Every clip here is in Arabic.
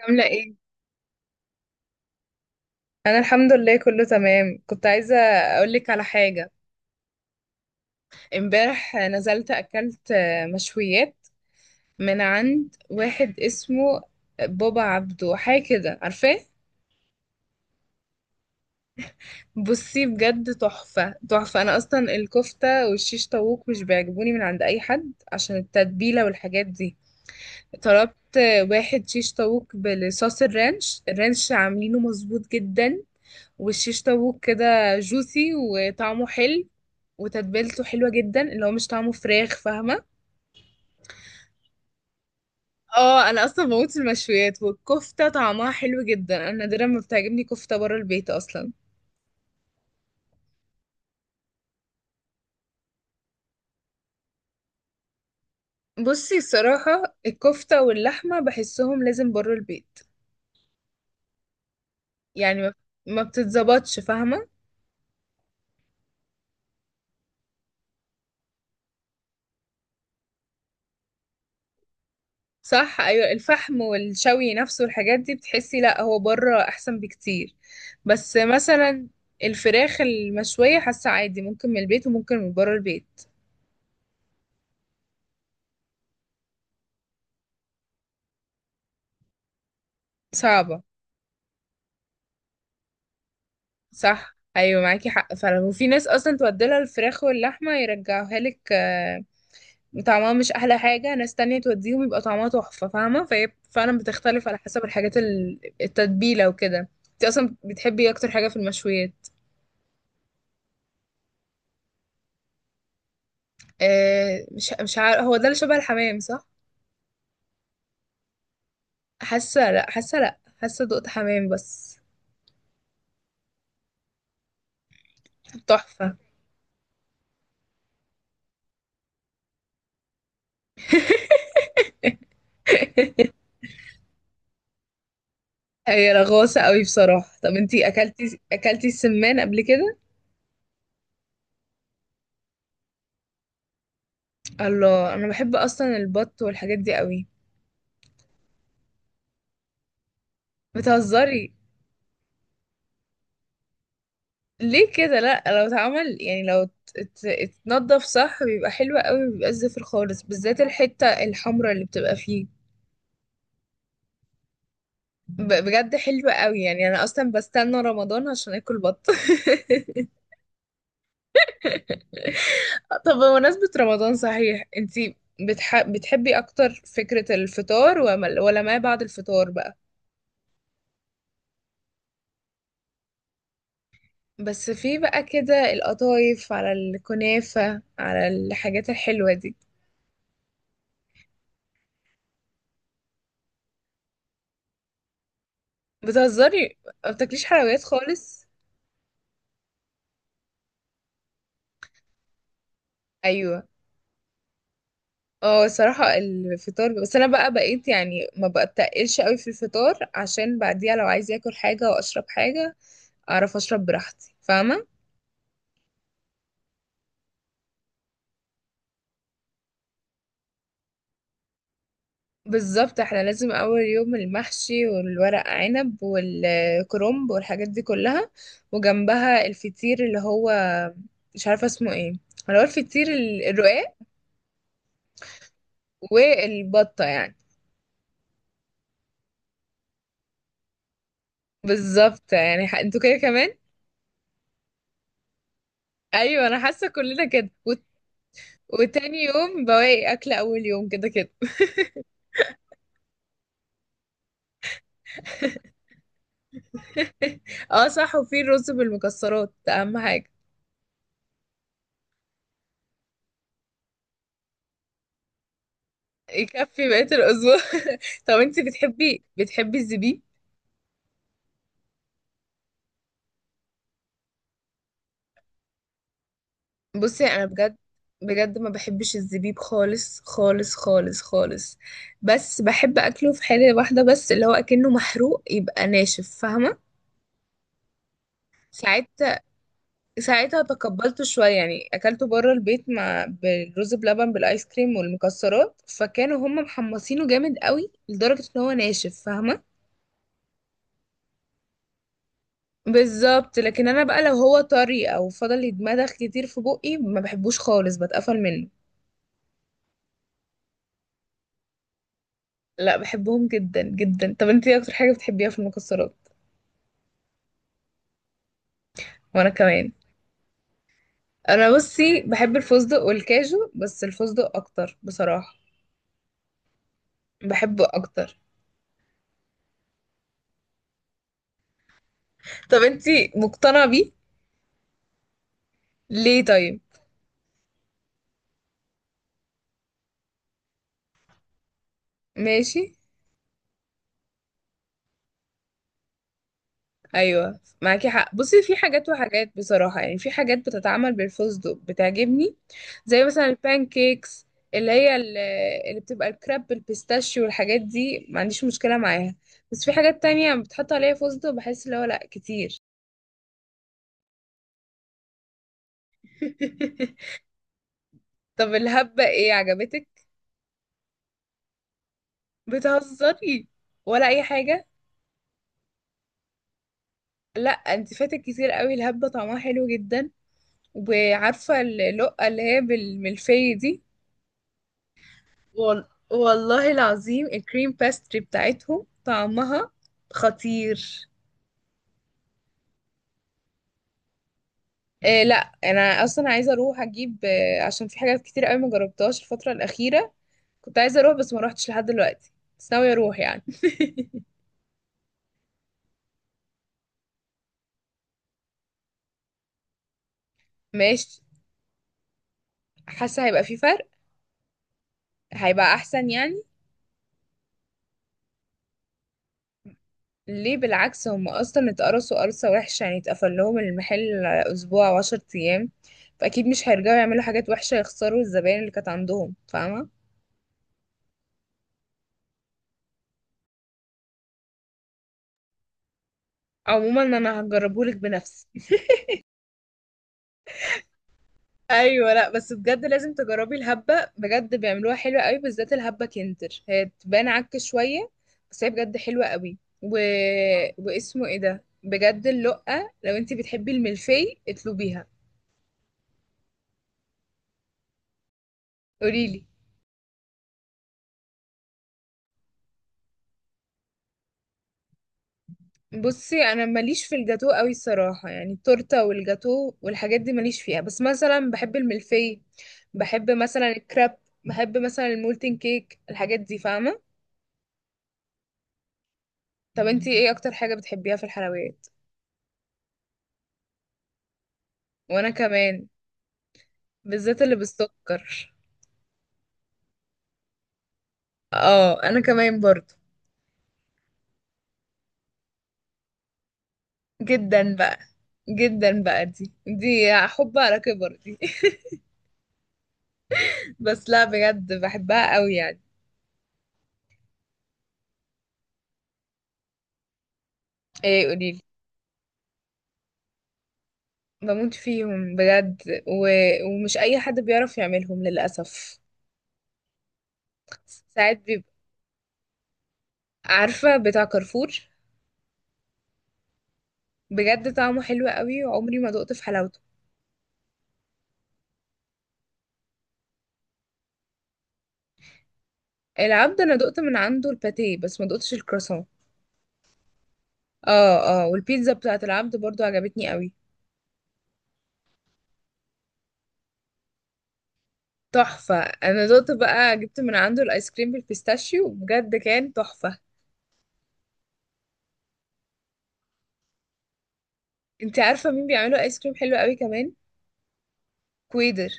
عاملة ايه؟ أنا الحمد لله كله تمام، كنت عايزة أقولك على حاجة. امبارح نزلت أكلت مشويات من عند واحد اسمه بابا عبده، حاجة كده، عارفاه؟ بصي بجد تحفة تحفة. أنا أصلا الكفتة والشيش طاووق مش بيعجبوني من عند أي حد عشان التتبيلة والحاجات دي. طلبت واحد شيش طاووق بالصوص الرانش، الرانش عاملينه مظبوط جدا، والشيش طاووق كده جوسي وطعمه حلو، وتتبيلته حلوة جدا، اللي هو مش طعمه فراخ، فاهمة. اه انا اصلا بموت في المشويات، والكفتة طعمها حلو جدا. انا نادرا ما بتعجبني كفتة بره البيت اصلا. بصي الصراحة الكفتة واللحمة بحسهم لازم بره البيت، يعني ما بتتظبطش، فاهمة. صح، ايوه الفحم والشوي نفسه والحاجات دي، بتحسي لا هو بره احسن بكتير. بس مثلا الفراخ المشوية حاسة عادي، ممكن من البيت وممكن من بره البيت. صعبة. صح أيوة معاكي حق فعلا. وفي ناس أصلا توديلها الفراخ واللحمة يرجعوها لك، طعمها مش أحلى حاجة، ناس تانية توديهم يبقى طعمها تحفة، فاهمة. فهي فعلا بتختلف على حسب الحاجات التتبيلة وكده. انت أصلا بتحبي إيه أكتر حاجة في المشويات؟ مش عارف، هو ده اللي شبه الحمام صح؟ حاسة لأ، حاسة لأ، حاسة دقت حمام بس. تحفة. هي رغوصة قوي بصراحة. طب انتي أكلتي السمان قبل كده؟ الله، أنا بحب أصلا البط والحاجات دي قوي. بتهزري؟ ليه كده؟ لا لو اتعمل، يعني لو اتنضف صح بيبقى حلو قوي، بيبقى زفر خالص بالذات الحتة الحمراء اللي بتبقى فيه. بجد حلوة قوي، يعني انا اصلا بستنى رمضان عشان اكل بط. طب بمناسبة رمضان صحيح، انتي بتحبي اكتر فكرة الفطار ولا ما بعد الفطار بقى؟ بس في بقى كده القطايف، على الكنافة، على الحاجات الحلوة دي. بتهزري؟ ما بتاكليش حلويات خالص؟ ايوه. اه صراحة الفطار بس، انا بقى بقيت يعني ما بتقلش قوي في الفطار عشان بعديها لو عايز اكل حاجة واشرب حاجة اعرف اشرب براحتي، فاهمة. بالظبط، احنا لازم اول يوم المحشي والورق عنب والكرنب والحاجات دي كلها، وجنبها الفطير اللي هو مش عارفة اسمه ايه، اللي هو الفطير الرقاق، والبطة يعني. بالظبط، يعني انتوا كده كمان. ايوه انا حاسة كلنا كده. وتاني يوم بواقي اكل اول يوم كده كده. اه صح، وفي الرز بالمكسرات ده اهم حاجه. يكفي بقيه الاسبوع. طب انت بتحبي الزبيب؟ بصي انا بجد، بجد ما بحبش الزبيب خالص خالص خالص خالص. بس بحب اكله في حاله واحده بس، اللي هو اكنه محروق، يبقى ناشف، فاهمه. ساعتها، ساعتها تقبلته شويه، يعني اكلته بره البيت مع بالرز بلبن، بالايس كريم والمكسرات، فكانوا هم محمصينه جامد قوي لدرجه ان هو ناشف، فاهمه. بالظبط، لكن انا بقى لو هو طري او فضل يتمضغ كتير في بقي ما بحبوش خالص، بتقفل منه. لا بحبهم جدا جدا. طب انت ايه اكتر حاجه بتحبيها في المكسرات؟ وانا كمان. انا بصي بحب الفستق والكاجو، بس الفستق اكتر بصراحه. بحبه اكتر. طب انت مقتنعه بيه؟ ليه طيب؟ ماشي. ايوه معاكي حق، بصي في حاجات وحاجات بصراحه، يعني في حاجات بتتعمل بالفستق بتعجبني، زي مثلا البان كيكس، اللي هي اللي بتبقى الكراب بالبيستاشيو والحاجات دي، ما عنديش مشكله معاها. بس في حاجات تانية بتحط عليها فستق، بحس اللي هو لا كتير. طب الهبه ايه عجبتك؟ بتهزري؟ ولا اي حاجه؟ لا انت فاتك كتير قوي، الهبه طعمها حلو جدا. وعارفه اللقه اللي هي بالملفيه دي؟ والله العظيم الكريم، باستري بتاعتهم طعمها خطير. إيه لا. انا اصلا عايزه اروح اجيب، عشان في حاجات كتير قوي ما جربتهاش الفتره الاخيره. كنت عايزه اروح بس ما روحتش لحد دلوقتي. بس ناويه اروح يعني. ماشي. حاسه هيبقى في فرق. هيبقى احسن يعني. ليه؟ بالعكس، هم اصلا اتقرصوا قرصه وحشه، يعني اتقفل لهم المحل اسبوع وعشر ايام، فاكيد مش هيرجعوا يعملوا حاجات وحشه يخسروا الزباين اللي كانت عندهم، فاهمه. عموما انا هجربهولك بنفسي. ايوه. لا بس بجد لازم تجربي الهبه، بجد بيعملوها حلوه قوي، بالذات الهبه كنتر هي تبان عك شويه، بس هي بجد حلوه قوي و... واسمه ايه ده بجد، اللقه، لو انت بتحبي الملفي اطلبيها. قوليلي. بصي انا ماليش في الجاتو قوي الصراحه، يعني التورته والجاتو والحاجات دي ماليش فيها، بس مثلا بحب الملفي، بحب مثلا الكراب، بحب مثلا المولتن كيك، الحاجات دي فاهمه. طب انت ايه اكتر حاجه بتحبيها في الحلويات؟ وانا كمان، بالذات اللي بالسكر. اه انا كمان برضو. جدا بقى، جدا بقى، دي دي حب على كبر دي. بس لا بجد بحبها قوي يعني. ايه قوليلي. بموت فيهم بجد، و... ومش اي حد بيعرف يعملهم للاسف. ساعات بيبقى، عارفه بتاع كارفور؟ بجد طعمه حلو قوي، وعمري ما دقت في حلاوته. العبد، انا دقت من عنده الباتيه بس ما دقتش الكرواسون. اه اه، والبيتزا بتاعت العبد برضو عجبتني قوي. تحفة. انا دوت بقى جبت من عنده الايس كريم بالبيستاشيو، بجد كان تحفة. انت عارفة مين بيعملوا ايس كريم حلو قوي كمان؟ كويدر.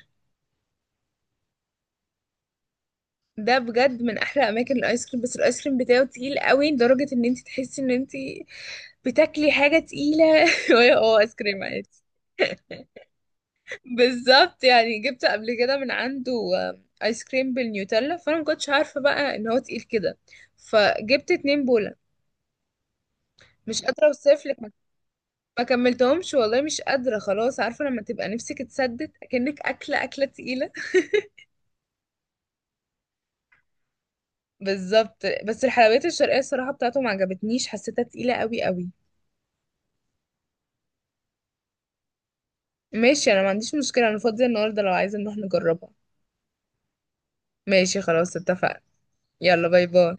ده بجد من احلى اماكن الايس كريم، بس الايس كريم بتاعه تقيل قوي، لدرجة ان انت تحسي ان انت بتاكلي حاجة تقيلة. وهي هو ايس كريم عادي. بالظبط. يعني جبت قبل كده من عنده، ايس كريم بالنيوتيلا، فانا ما كنتش عارفة بقى ان هو تقيل كده، فجبت اتنين بولا. مش قادرة اوصف لك. ما كملتهمش والله، مش قادرة خلاص، عارفة لما تبقى نفسك اتسدت، كأنك أكلة تقيلة. بالظبط. بس الحلويات الشرقية الصراحة بتاعته ما عجبتنيش، حسيتها تقيلة قوي قوي. ماشي، أنا ما عنديش مشكلة، أنا فاضية النهاردة لو عايزة نروح نجربها. ماشي، خلاص اتفقنا. يلا، باي باي.